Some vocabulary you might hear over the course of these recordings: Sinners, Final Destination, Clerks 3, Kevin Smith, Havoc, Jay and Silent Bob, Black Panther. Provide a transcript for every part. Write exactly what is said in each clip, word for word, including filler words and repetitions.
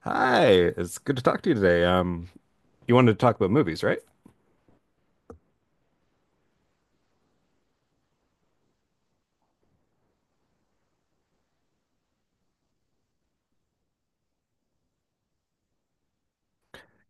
Hi, it's good to talk to you today. Um, you wanted to talk about movies, right?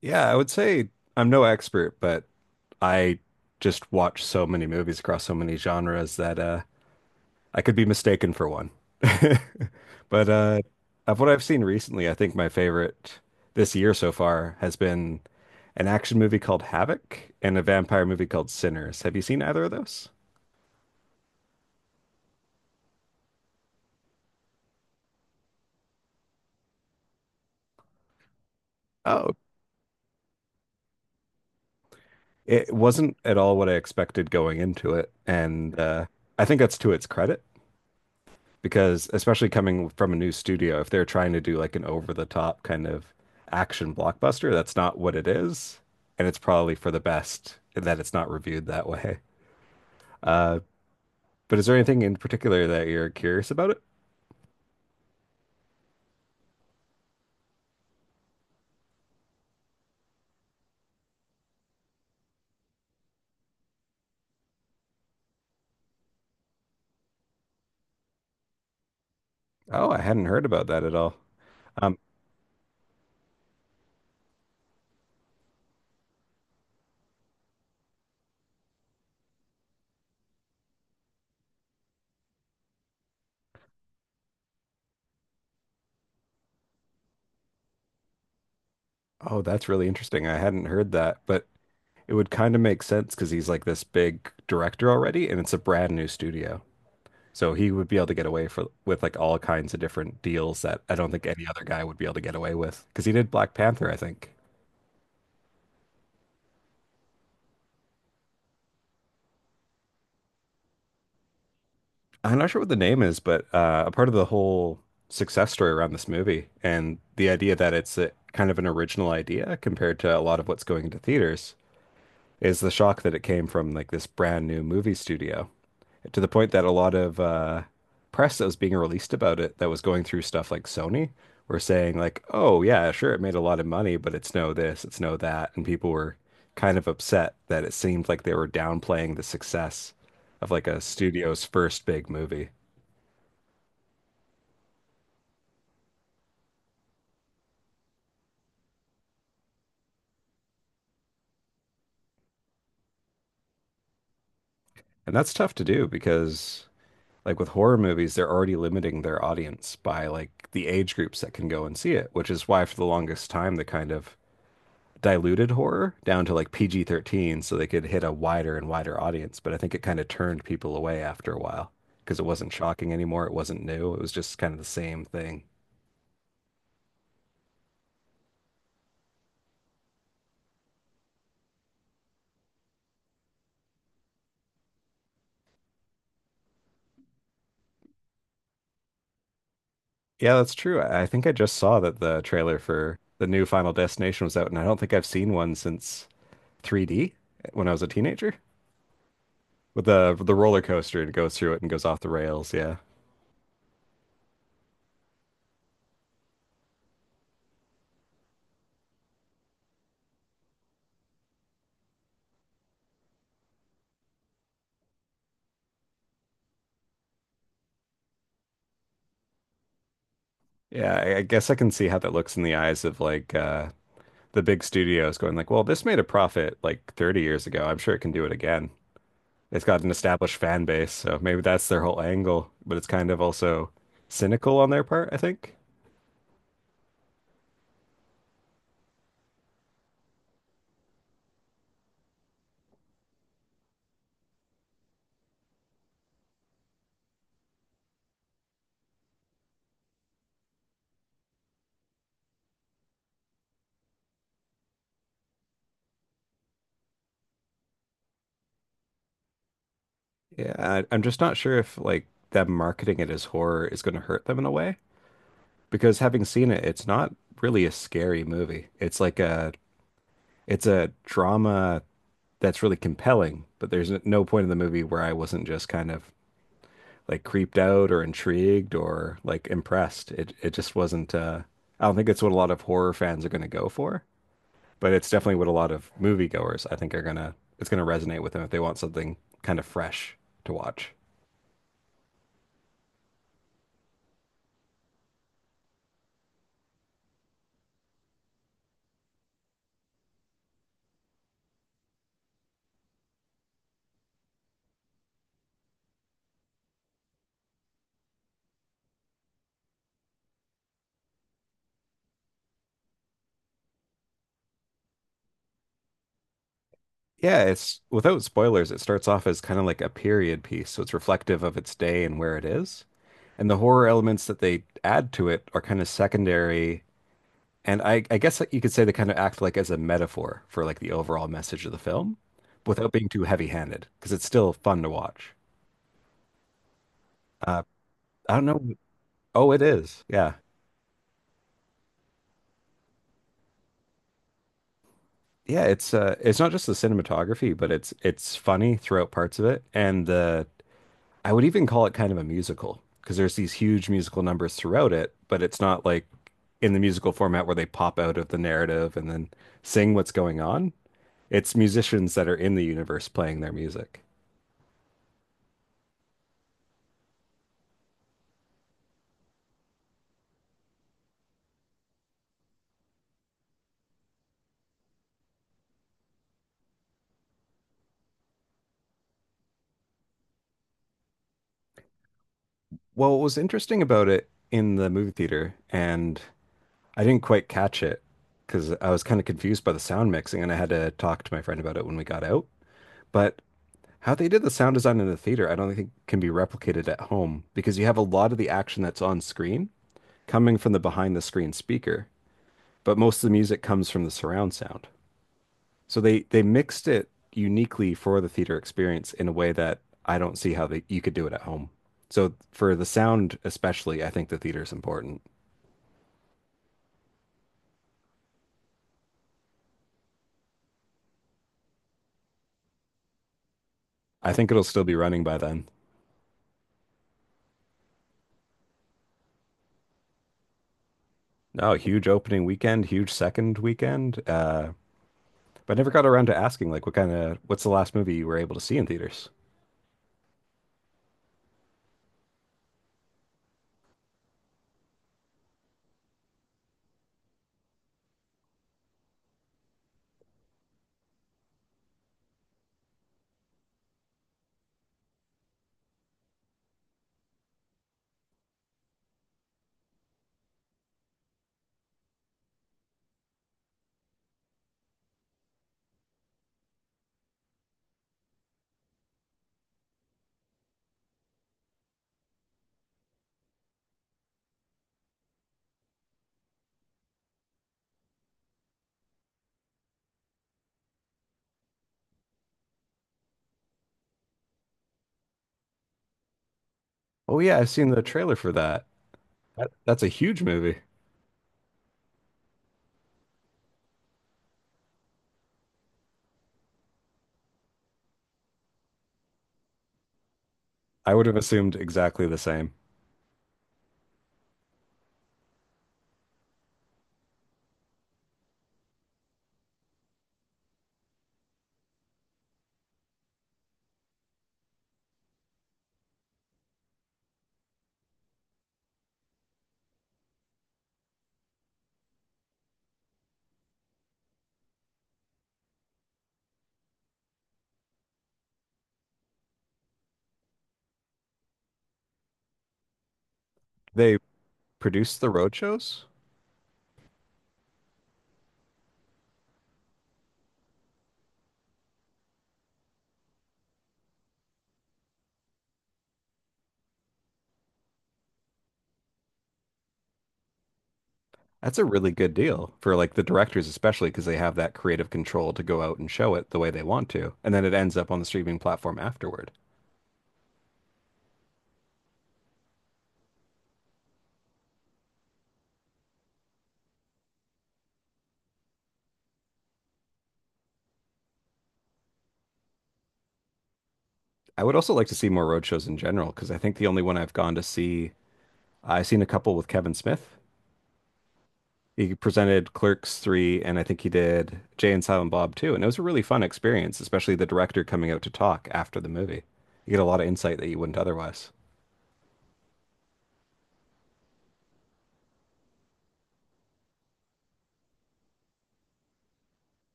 Yeah, I would say I'm no expert, but I just watch so many movies across so many genres that uh, I could be mistaken for one. But uh, of what I've seen recently, I think my favorite this year so far has been an action movie called Havoc and a vampire movie called Sinners. Have you seen either of those? Oh, it wasn't at all what I expected going into it, and uh, I think that's to its credit, because especially coming from a new studio, if they're trying to do like an over-the-top kind of action blockbuster, that's not what it is, and it's probably for the best that it's not reviewed that way. Uh, but is there anything in particular that you're curious about it? Oh, I hadn't heard about that at all. Um, oh, that's really interesting. I hadn't heard that, but it would kind of make sense because he's like this big director already, and it's a brand new studio. So he would be able to get away for with like all kinds of different deals that I don't think any other guy would be able to get away with. Because he did Black Panther, I think. I'm not sure what the name is, but uh, a part of the whole success story around this movie and the idea that it's a, kind of an original idea compared to a lot of what's going into theaters, is the shock that it came from like this brand new movie studio to the point that a lot of uh, press that was being released about it that was going through stuff like Sony were saying like, oh yeah, sure, it made a lot of money, but it's no this, it's no that, and people were kind of upset that it seemed like they were downplaying the success of like a studio's first big movie. And that's tough to do because like with horror movies, they're already limiting their audience by like the age groups that can go and see it, which is why for the longest time the kind of diluted horror down to like P G thirteen so they could hit a wider and wider audience. But I think it kind of turned people away after a while because it wasn't shocking anymore. It wasn't new. It was just kind of the same thing. Yeah, that's true. I I think I just saw that the trailer for the new Final Destination was out, and I don't think I've seen one since three D when I was a teenager with the the roller coaster and it goes through it and goes off the rails. Yeah. Yeah, I I guess I can see how that looks in the eyes of like uh the big studios going like, well, this made a profit like thirty years ago. I'm sure it can do it again. It's got an established fan base, so maybe that's their whole angle, but it's kind of also cynical on their part, I think. Yeah, I, I'm just not sure if like them marketing it as horror is going to hurt them in a way because having seen it, it's not really a scary movie. It's like a it's a drama that's really compelling, but there's no point in the movie where I wasn't just kind of like creeped out or intrigued or like impressed. It it just wasn't uh I don't think it's what a lot of horror fans are going to go for, but it's definitely what a lot of moviegoers I think are going to it's going to resonate with them if they want something kind of fresh to watch. Yeah, it's without spoilers, it starts off as kind of like a period piece, so it's reflective of its day and where it is. And the horror elements that they add to it are kind of secondary. And I, I guess you could say they kind of act like as a metaphor for like the overall message of the film without being too heavy-handed because it's still fun to watch. Uh, I don't know. Oh, it is. Yeah. Yeah, it's uh it's not just the cinematography, but it's it's funny throughout parts of it and the I would even call it kind of a musical because there's these huge musical numbers throughout it, but it's not like in the musical format where they pop out of the narrative and then sing what's going on. It's musicians that are in the universe playing their music. Well, what was interesting about it in the movie theater, and I didn't quite catch it because I was kind of confused by the sound mixing, and I had to talk to my friend about it when we got out. But how they did the sound design in the theater, I don't think can be replicated at home because you have a lot of the action that's on screen coming from the behind the screen speaker, but most of the music comes from the surround sound. So they they mixed it uniquely for the theater experience in a way that I don't see how they, you could do it at home. So for the sound especially, I think the theater is important. I think it'll still be running by then. No, huge opening weekend, huge second weekend. Uh, but I never got around to asking, like, what kind of, what's the last movie you were able to see in theaters? Oh yeah, I've seen the trailer for that. That that's a huge movie. I would have assumed exactly the same. They produced the road shows. That's a really good deal for like the directors, especially because they have that creative control to go out and show it the way they want to, and then it ends up on the streaming platform afterward. I would also like to see more road shows in general because I think the only one I've gone to see I've seen a couple with Kevin Smith. He presented Clerks three, and I think he did Jay and Silent Bob too. And it was a really fun experience, especially the director coming out to talk after the movie. You get a lot of insight that you wouldn't otherwise.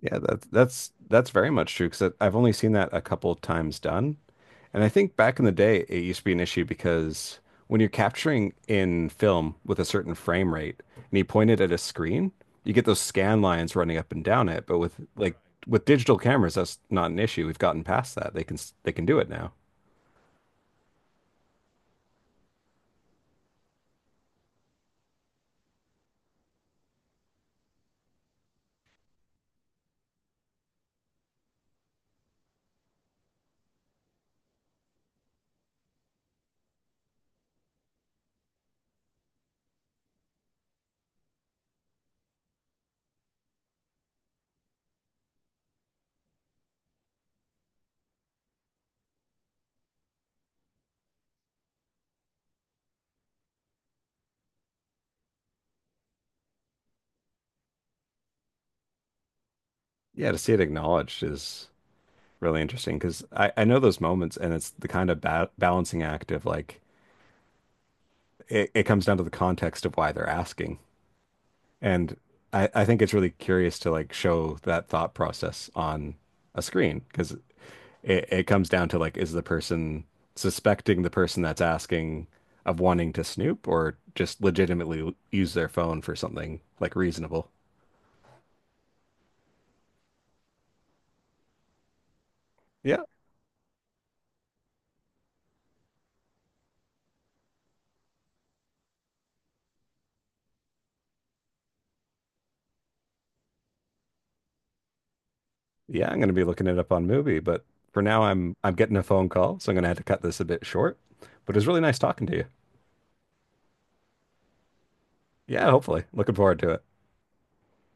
Yeah, that's that's that's very much true because I've only seen that a couple of times done. And I think back in the day, it used to be an issue because when you're capturing in film with a certain frame rate and you point it at a screen, you get those scan lines running up and down it. But with like with digital cameras, that's not an issue. We've gotten past that. They can s- they can do it now. Yeah, to see it acknowledged is really interesting because I, I know those moments and it's the kind of ba balancing act of like it, it comes down to the context of why they're asking. And I, I think it's really curious to like show that thought process on a screen because it, it comes down to like, is the person suspecting the person that's asking of wanting to snoop or just legitimately use their phone for something like reasonable? Yeah. Yeah, I'm gonna be looking it up on Movie, but for now I'm I'm getting a phone call, so I'm gonna have to cut this a bit short. But it was really nice talking to you. Yeah, hopefully. Looking forward to it.